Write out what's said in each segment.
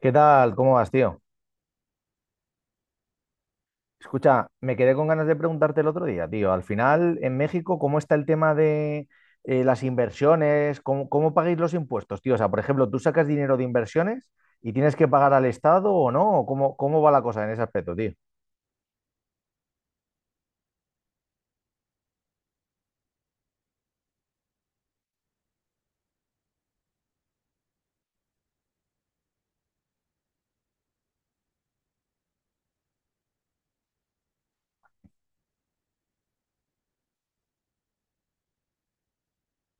¿Qué tal? ¿Cómo vas, tío? Escucha, me quedé con ganas de preguntarte el otro día, tío. Al final, en México, ¿cómo está el tema de las inversiones? ¿Cómo pagáis los impuestos, tío? O sea, por ejemplo, ¿tú sacas dinero de inversiones y tienes que pagar al Estado o no? ¿Cómo va la cosa en ese aspecto, tío?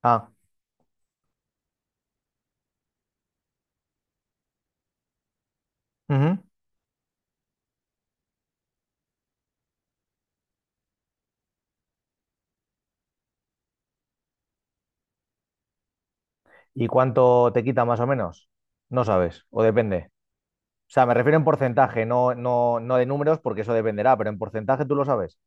Ah, ujú. ¿Y cuánto te quita más o menos? No sabes, o depende. O sea, me refiero en porcentaje, no, no, no de números, porque eso dependerá, pero en porcentaje tú lo sabes.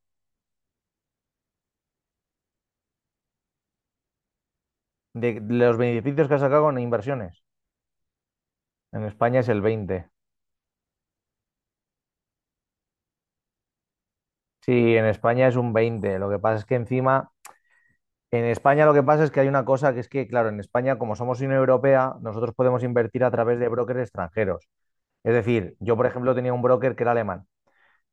De los beneficios que has sacado con inversiones. En España es el 20. Sí, en España es un 20. Lo que pasa es que encima, en España lo que pasa es que hay una cosa que es que, claro, en España, como somos Unión Europea, nosotros podemos invertir a través de brokers extranjeros. Es decir, yo, por ejemplo, tenía un broker que era alemán,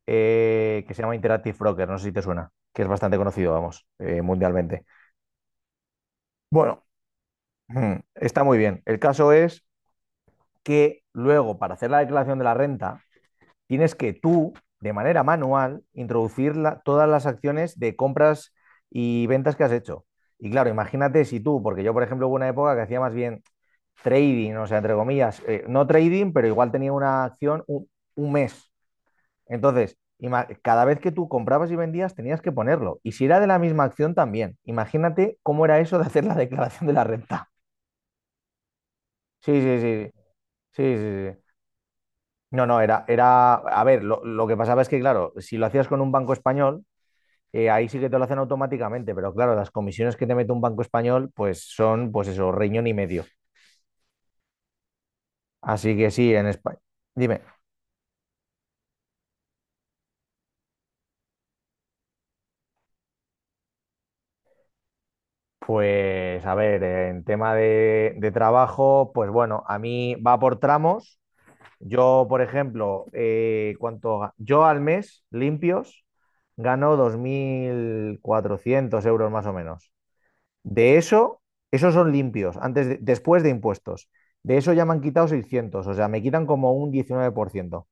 que se llama Interactive Broker, no sé si te suena, que es bastante conocido, vamos, mundialmente. Bueno, está muy bien. El caso es que luego, para hacer la declaración de la renta, tienes que tú, de manera manual, introducir todas las acciones de compras y ventas que has hecho. Y claro, imagínate si tú, porque yo, por ejemplo, hubo una época que hacía más bien trading, o sea, entre comillas, no trading, pero igual tenía una acción un mes. Entonces, cada vez que tú comprabas y vendías, tenías que ponerlo. Y si era de la misma acción, también. Imagínate cómo era eso de hacer la declaración de la renta. Sí, sí, sí. Sí, sí, sí, sí. No, no, era, a ver, lo que pasaba es que, claro, si lo hacías con un banco español, ahí sí que te lo hacen automáticamente, pero claro, las comisiones que te mete un banco español, pues son, pues eso, riñón y medio. Así que sí, en España. Dime. Pues a ver, en tema de trabajo, pues bueno, a mí va por tramos. Yo, por ejemplo, yo al mes limpios gano 2.400 euros más o menos. De eso, esos son limpios, después de impuestos. De eso ya me han quitado 600, o sea, me quitan como un 19%.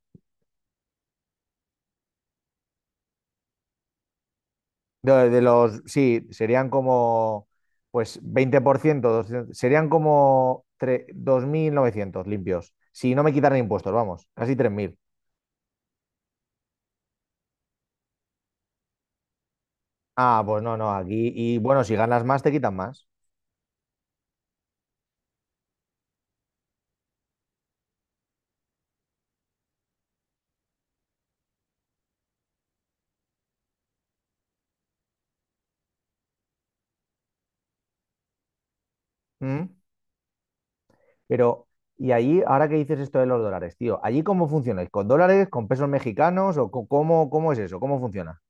De los, sí, serían como, pues 20%, 200, serían como 2.900 limpios. Si no me quitaran impuestos, vamos, casi 3.000. Ah, pues no, no, aquí, y bueno, si ganas más, te quitan más. ¿Mm? Pero, y allí, ahora que dices esto de los dólares, tío, ¿allí cómo funcionáis? ¿Con dólares, con pesos mexicanos o cómo, cómo es eso? ¿Cómo funciona?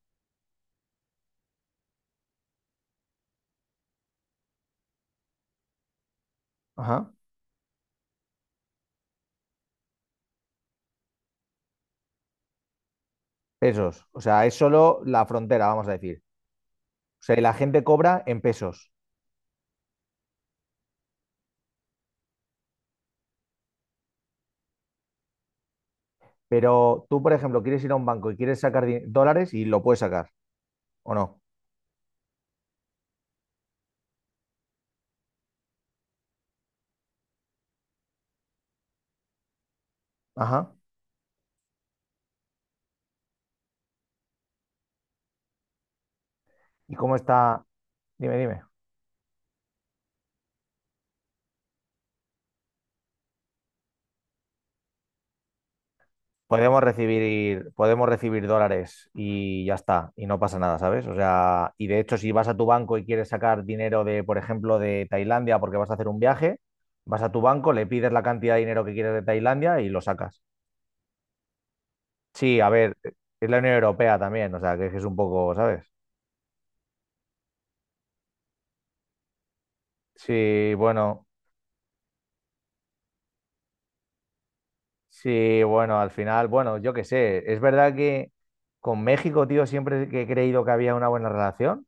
Ajá. Pesos, o sea, es solo la frontera, vamos a decir. O sea, y la gente cobra en pesos. Pero tú, por ejemplo, quieres ir a un banco y quieres sacar dólares y lo puedes sacar, ¿o no? Ajá. ¿Y cómo está? Dime, dime. Podemos recibir dólares y ya está, y no pasa nada, ¿sabes? O sea, y de hecho, si vas a tu banco y quieres sacar dinero de, por ejemplo, de Tailandia porque vas a hacer un viaje, vas a tu banco, le pides la cantidad de dinero que quieres de Tailandia y lo sacas. Sí, a ver, es la Unión Europea también, o sea, que es un poco, ¿sabes? Sí, bueno. Sí, bueno, al final, bueno, yo qué sé, es verdad que con México, tío, siempre que he creído que había una buena relación,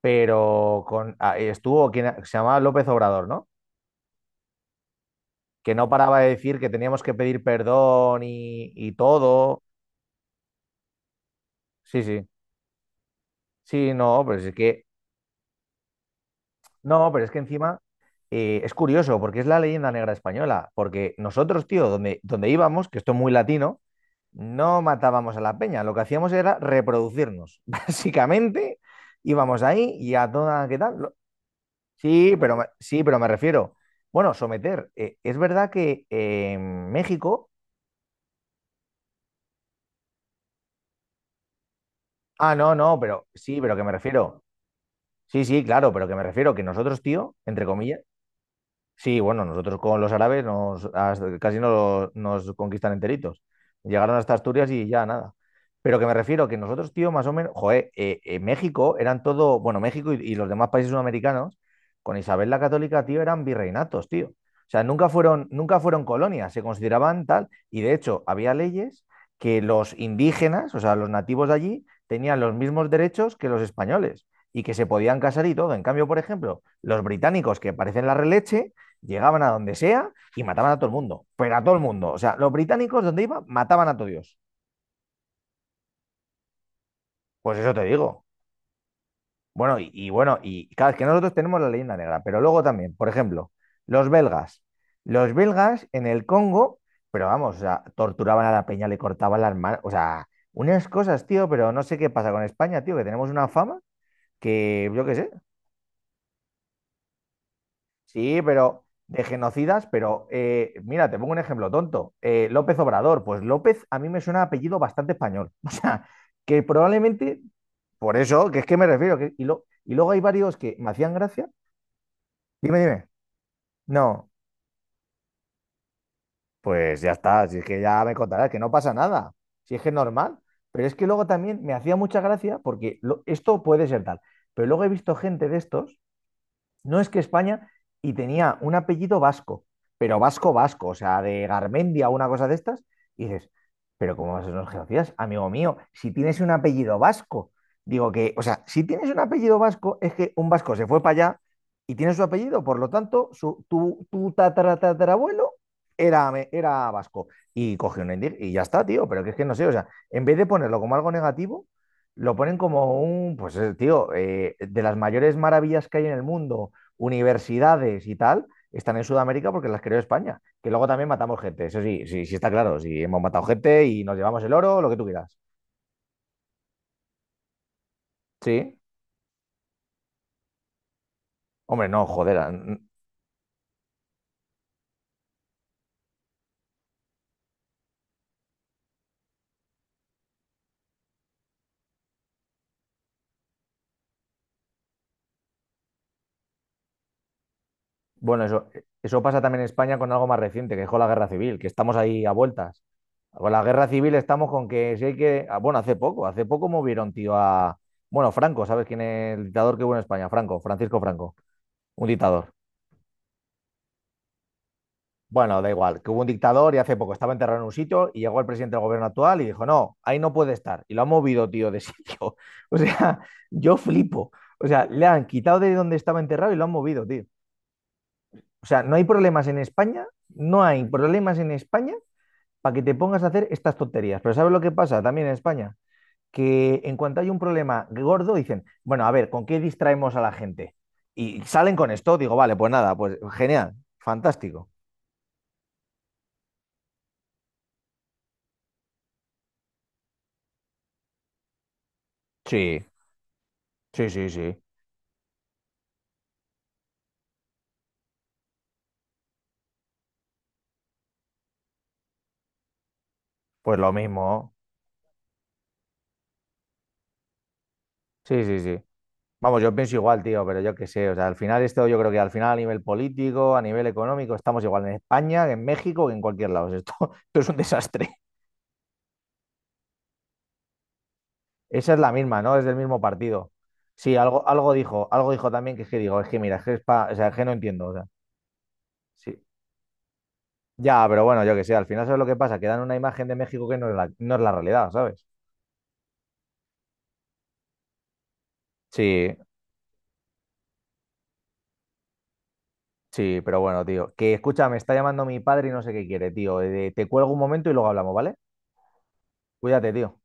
pero con estuvo quien se llamaba López Obrador, ¿no? Que no paraba de decir que teníamos que pedir perdón y todo. Sí, sí, sí, no, pero es que, no, pero es que encima es curioso, porque es la leyenda negra española, porque nosotros, tío, donde, donde íbamos, que esto es muy latino, no matábamos a la peña, lo que hacíamos era reproducirnos. Básicamente íbamos ahí y a toda, ¿qué tal? Sí, pero me refiero. Bueno, someter. Es verdad que en México. Ah, no, no, pero sí, pero que me refiero. Sí, sí, claro, pero que me refiero que nosotros, tío, entre comillas. Sí, bueno, nosotros con los árabes casi nos conquistan enteritos. Llegaron hasta Asturias y ya nada. Pero que me refiero que nosotros, tío, más o menos, joder, México eran todo, bueno, México y los demás países sudamericanos, con Isabel la Católica, tío, eran virreinatos, tío. O sea, nunca fueron colonias, se consideraban tal, y de hecho había leyes que los indígenas, o sea, los nativos de allí, tenían los mismos derechos que los españoles y que se podían casar y todo. En cambio, por ejemplo, los británicos, que parecen la releche, llegaban a donde sea y mataban a todo el mundo, pero a todo el mundo. O sea, los británicos donde iban mataban a todo Dios. Pues eso te digo. Bueno, y bueno, y claro, es que nosotros tenemos la leyenda negra, pero luego también, por ejemplo, los belgas. Los belgas en el Congo, pero vamos, o sea, torturaban a la peña, le cortaban las manos, o sea, unas cosas, tío, pero no sé qué pasa con España, tío, que tenemos una fama que, yo qué sé. Sí, pero de genocidas, pero mira, te pongo un ejemplo tonto. López Obrador, pues López a mí me suena a apellido bastante español. O sea, que probablemente, por eso, que es que me refiero, que, y, y luego hay varios que me hacían gracia. Dime, dime. No, pues ya está, si es que ya me contarás, que no pasa nada, si es que es normal. Pero es que luego también me hacía mucha gracia porque esto puede ser tal. Pero luego he visto gente de estos, no, es que España, y tenía un apellido vasco, pero vasco, vasco, o sea, de Garmendia o una cosa de estas, y dices, pero ¿cómo vas a ser unos genocidas? Amigo mío, si tienes un apellido vasco, digo que, o sea, si tienes un apellido vasco, es que un vasco se fue para allá y tiene su apellido, por lo tanto, su, tu tatara, tatarabuelo era, era vasco y cogió un indig y ya está, tío, pero que es que no sé, o sea, en vez de ponerlo como algo negativo, lo ponen como un, pues, tío, de las mayores maravillas que hay en el mundo universidades y tal están en Sudamérica porque las creó España. Que luego también matamos gente, eso sí, sí, sí está claro. Sí, hemos matado gente y nos llevamos el oro, lo que tú quieras. Sí. Hombre, no, joder. Bueno, eso pasa también en España con algo más reciente, que es con la guerra civil, que estamos ahí a vueltas. Con la guerra civil estamos con que si hay que. Bueno, hace poco movieron, tío, a. Bueno, Franco, ¿sabes quién es el dictador que hubo en España? Franco, Francisco Franco, un dictador. Bueno, da igual, que hubo un dictador y hace poco estaba enterrado en un sitio y llegó el presidente del gobierno actual y dijo, no, ahí no puede estar. Y lo ha movido, tío, de sitio. O sea, yo flipo. O sea, le han quitado de donde estaba enterrado y lo han movido, tío. O sea, no hay problemas en España, no hay problemas en España para que te pongas a hacer estas tonterías. Pero ¿sabes lo que pasa también en España? Que en cuanto hay un problema gordo, dicen, bueno, a ver, ¿con qué distraemos a la gente? Y salen con esto, digo, vale, pues nada, pues genial, fantástico. Sí, sí, sí, sí. Pues lo mismo. Sí, sí, sí. Vamos, yo pienso igual, tío, pero yo qué sé. O sea, al final esto yo creo que al final a nivel político, a nivel económico, estamos igual en España, que en México, que en cualquier lado. O sea, esto, esto es un desastre. Esa es la misma, ¿no? Es del mismo partido. Sí, algo, algo dijo también que es que digo, es que mira, es que, es o sea, es que no entiendo. O sea, sí. Ya, pero bueno, yo qué sé, al final sabes lo que pasa, que dan una imagen de México que no es la, no es la realidad, ¿sabes? Sí, sí, pero bueno, tío. Que escucha, me está llamando mi padre y no sé qué quiere, tío. Te cuelgo un momento y luego hablamos, ¿vale? Cuídate, tío.